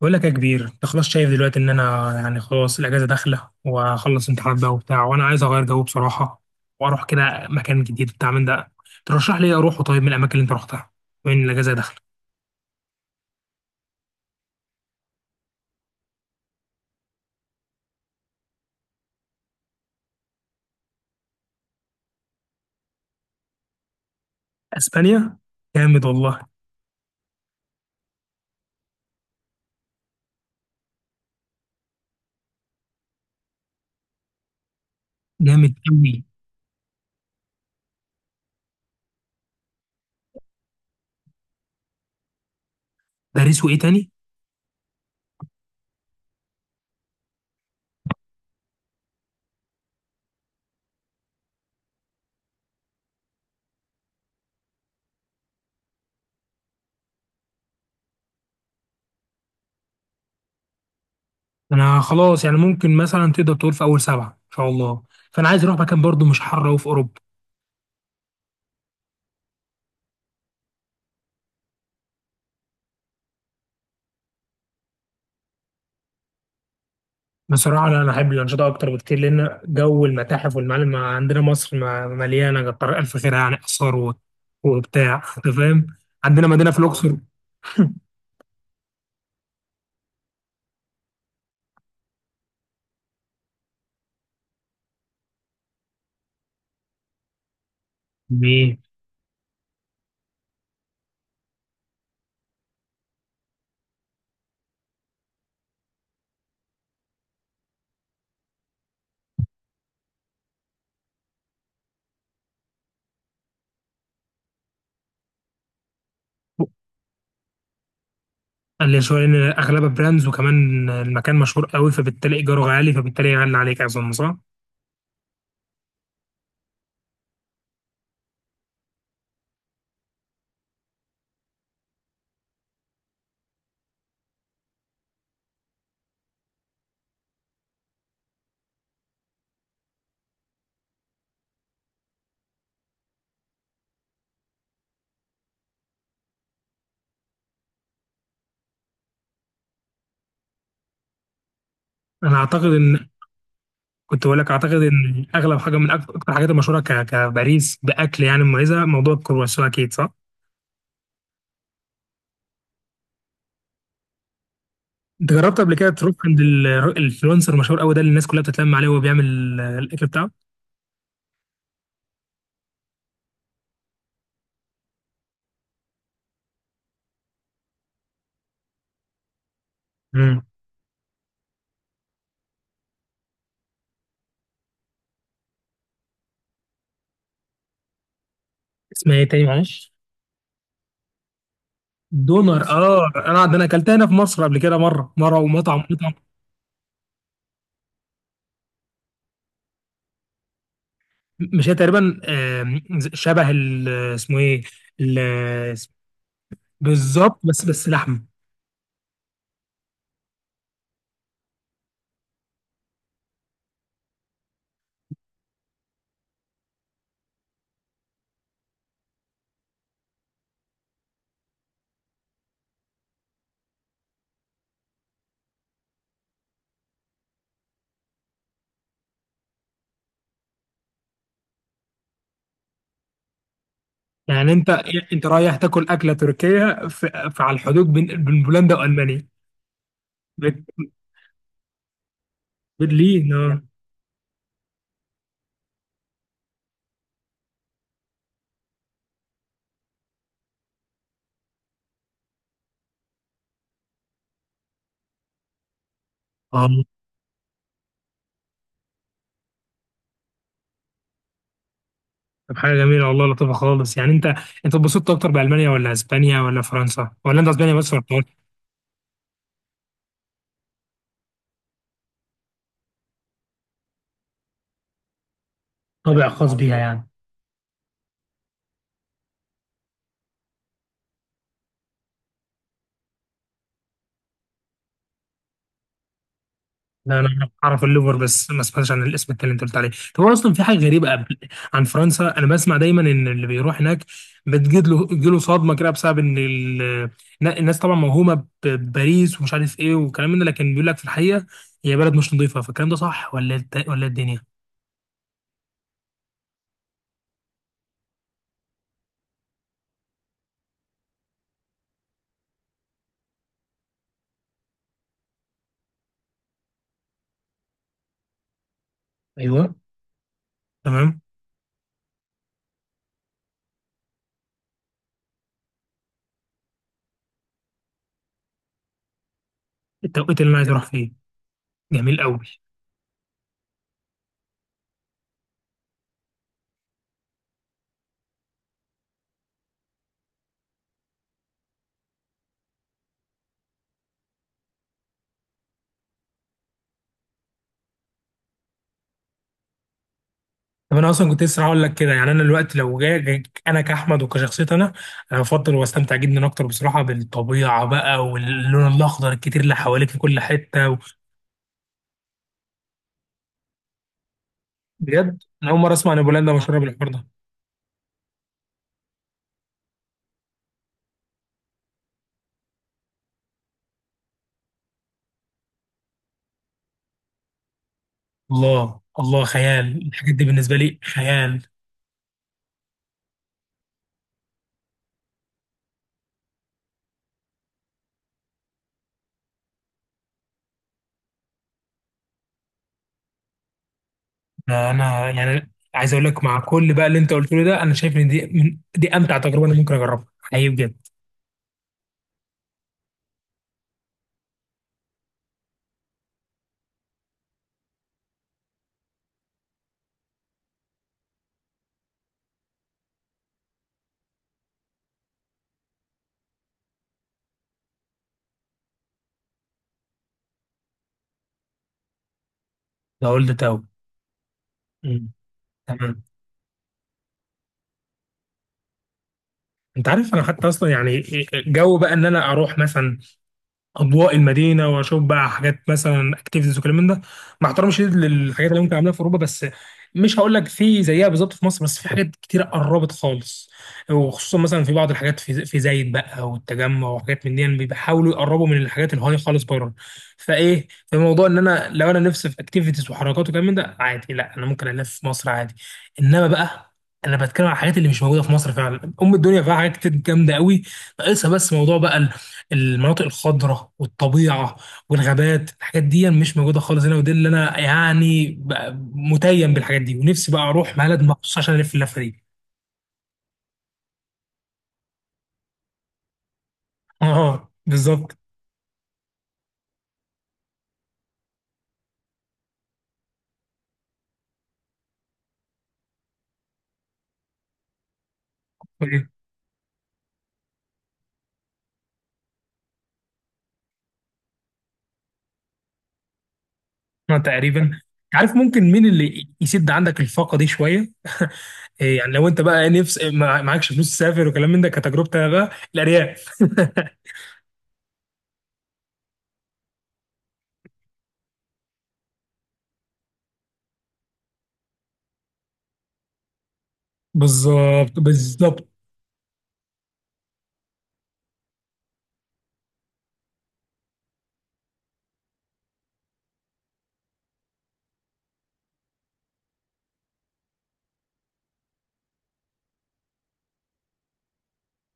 بقول لك يا كبير، انت خلاص شايف دلوقتي ان انا يعني خلاص الاجازه داخله، وهخلص امتحانات بقى وبتاع، وانا عايز اغير جو بصراحه، واروح كده مكان جديد بتاع من ده. ترشح لي اروح طيب من الاماكن اللي انت رحتها. وين الاجازه داخله؟ اسبانيا؟ جامد والله. جامد قوي. باريس وايه تاني؟ انا خلاص يعني ممكن مثلا تقدر تقول في اول سبعه ان شاء الله، فانا عايز اروح مكان برضو مش حر وفي اوروبا. بصراحة لا، أنا أحب الأنشطة أكتر بكتير، لأن جو المتاحف والمعالم عندنا مصر مليانة كتر ألف خير يعني، آثار وبتاع، أنت فاهم؟ عندنا مدينة في الأقصر. بي- اللي شوية إن أغلبها براندز، وكمان المكان مشهور قوي، فبالتالي إيجاره غالي، فبالتالي يغلي عليك، أظن صح؟ أنا أعتقد إن كنت بقول لك، أعتقد إن أغلب حاجة من أكتر أكتر الحاجات المشهورة كباريس بأكل يعني مميزة، موضوع الكرواسون أكيد صح؟ أنت جربت قبل كده تروح عند الإنفلونسر المشهور قوي ده اللي الناس كلها بتتلم عليه، وهو بيعمل الأكل بتاعه؟ مم. اسمها ايه تاني معلش؟ دونر، اه، انا انا اكلتها هنا في مصر قبل كده، مره مره ومطعم مطعم. مش هي تقريبا، شبه اسمه ايه؟ ال- اسم- بالظبط، بس لحم. يعني انت، انت رايح تاكل اكله تركيه في على الحدود بين بولندا والمانيا؟ بت- برلين، اه. آه. طب حاجه جميله والله، لطيفه خالص. يعني انت، اتبسطت اكتر بالمانيا ولا اسبانيا ولا فرنسا، ولا انت اسبانيا بس، ولا فرنسا؟ طابع خاص بيها يعني. لا انا اعرف الليفر بس، ما سمعتش عن الاسم التاني اللي انت قلت عليه. طب هو اصلا في حاجه غريبه، قبل عن فرنسا انا بسمع دايما ان اللي بيروح هناك بتجد له صدمه كده، بسبب ان الناس طبعا موهومه بباريس ومش عارف ايه وكلام من ده، لكن بيقول لك في الحقيقه هي بلد مش نظيفه. فالكلام ده صح، ولا إيه ولا إيه الدنيا؟ ايوه. تمام. التوقيت اللي انا عايز اروح فيه جميل قوي. طب انا اصلا كنت لسه هقول لك كده، يعني انا دلوقتي لو انا كاحمد وكشخصيتي، انا، انا بفضل واستمتع جدا اكتر بصراحه بالطبيعه بقى واللون الاخضر الكتير اللي حواليك في كل حته بجد انا اول مره اسمع ان بولندا مشهوره بالحوار ده. الله الله، خيال، الحاجات دي بالنسبه لي خيال. انا يعني عايز اقول لك، مع كل بقى اللي انت قلته لي ده، انا شايف ان دي من دي امتع تجربه انا ممكن اجربها حقيقي بجد. ده قلت تاو؟ مم. تمام. انت عارف انا حتى اصلا يعني، جو بقى ان انا اروح مثلا اضواء المدينه، واشوف بقى حاجات مثلا اكتيفيتيز وكلام من ده، مع احترامي الشديد للحاجات اللي ممكن اعملها في اوروبا، بس مش هقول لك في زيها بالظبط في مصر، بس في حاجات كتير قربت خالص، وخصوصا مثلا في بعض الحاجات في زايد بقى والتجمع وحاجات من دي، يعني بيحاولوا يقربوا من الحاجات الهاي خالص بره. فايه في موضوع ان انا لو انا نفسي في اكتيفيتيز وحركات وكلام من ده عادي، لا انا ممكن الف في مصر عادي، انما بقى انا بتكلم عن الحاجات اللي مش موجوده في مصر فعلا. ام الدنيا فيها حاجات كتير جامده قوي، ناقصها بس موضوع بقى المناطق الخضراء والطبيعه والغابات. الحاجات دي مش موجوده خالص هنا، ودي اللي انا يعني بقى متيم بالحاجات دي ونفسي بقى اروح بلد مخصوص عشان الف اللفه دي. اه بالظبط. ما تقريبا. عارف ممكن مين اللي يسد عندك الفاقه دي شويه؟ إيه يعني، لو انت بقى نفس معكش فلوس تسافر وكلام من ده، كتجربتي انا بقى، الارياف. بالظبط بالظبط.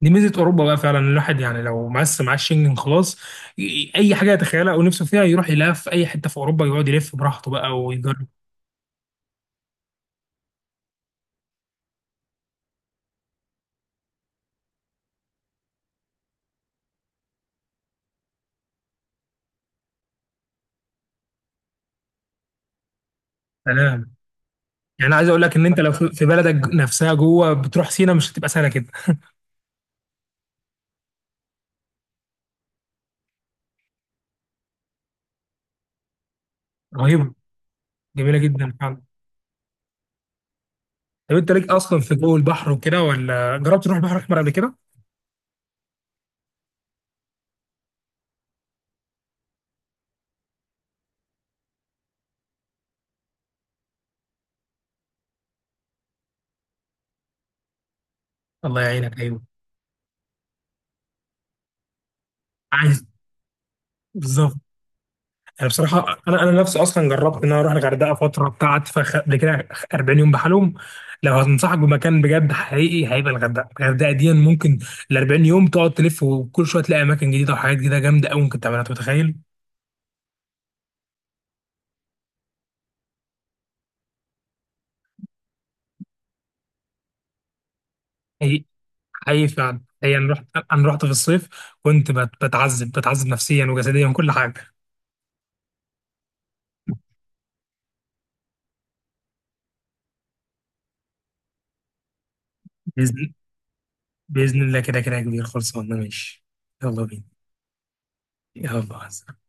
دي ميزه اوروبا بقى فعلا، الواحد يعني لو مقسم معاه الشنجن خلاص، اي حاجه يتخيلها او نفسه فيها يروح يلف في اي حته في اوروبا، يقعد يلف براحته بقى ويجرب. سلام. يعني عايز اقول لك ان انت لو في في بلدك نفسها جوه بتروح سينا، مش هتبقى سهله كده. رهيبه. جميله جدا فعلا. طب انت ليك اصلا في جو البحر وكده، ولا جربت تروح البحر الاحمر قبل كده؟ الله يعينك ايوه. عايز. بالظبط. يعني بصراحة أنا نفسي أصلا جربت إن أنا أروح الغردقة فترة بتاعت فخ قبل كده، 40 يوم بحالهم. لو هتنصحك بمكان بجد حقيقي هيبقى الغردقة، الغردقة دي ممكن ال 40 يوم تقعد تلف، وكل شوية تلاقي أماكن جديدة وحاجات جديدة جامدة أوي ممكن تعملها، أنت متخيل؟ حقيقي. حقيقي فعلا، هي أنا رحت في الصيف، كنت بتعذب بتعذب نفسيا وجسديا وكل حاجة. بإذن بإذن الله كده كده يا كبير، خلصانة ماشي. يلا بينا. يلا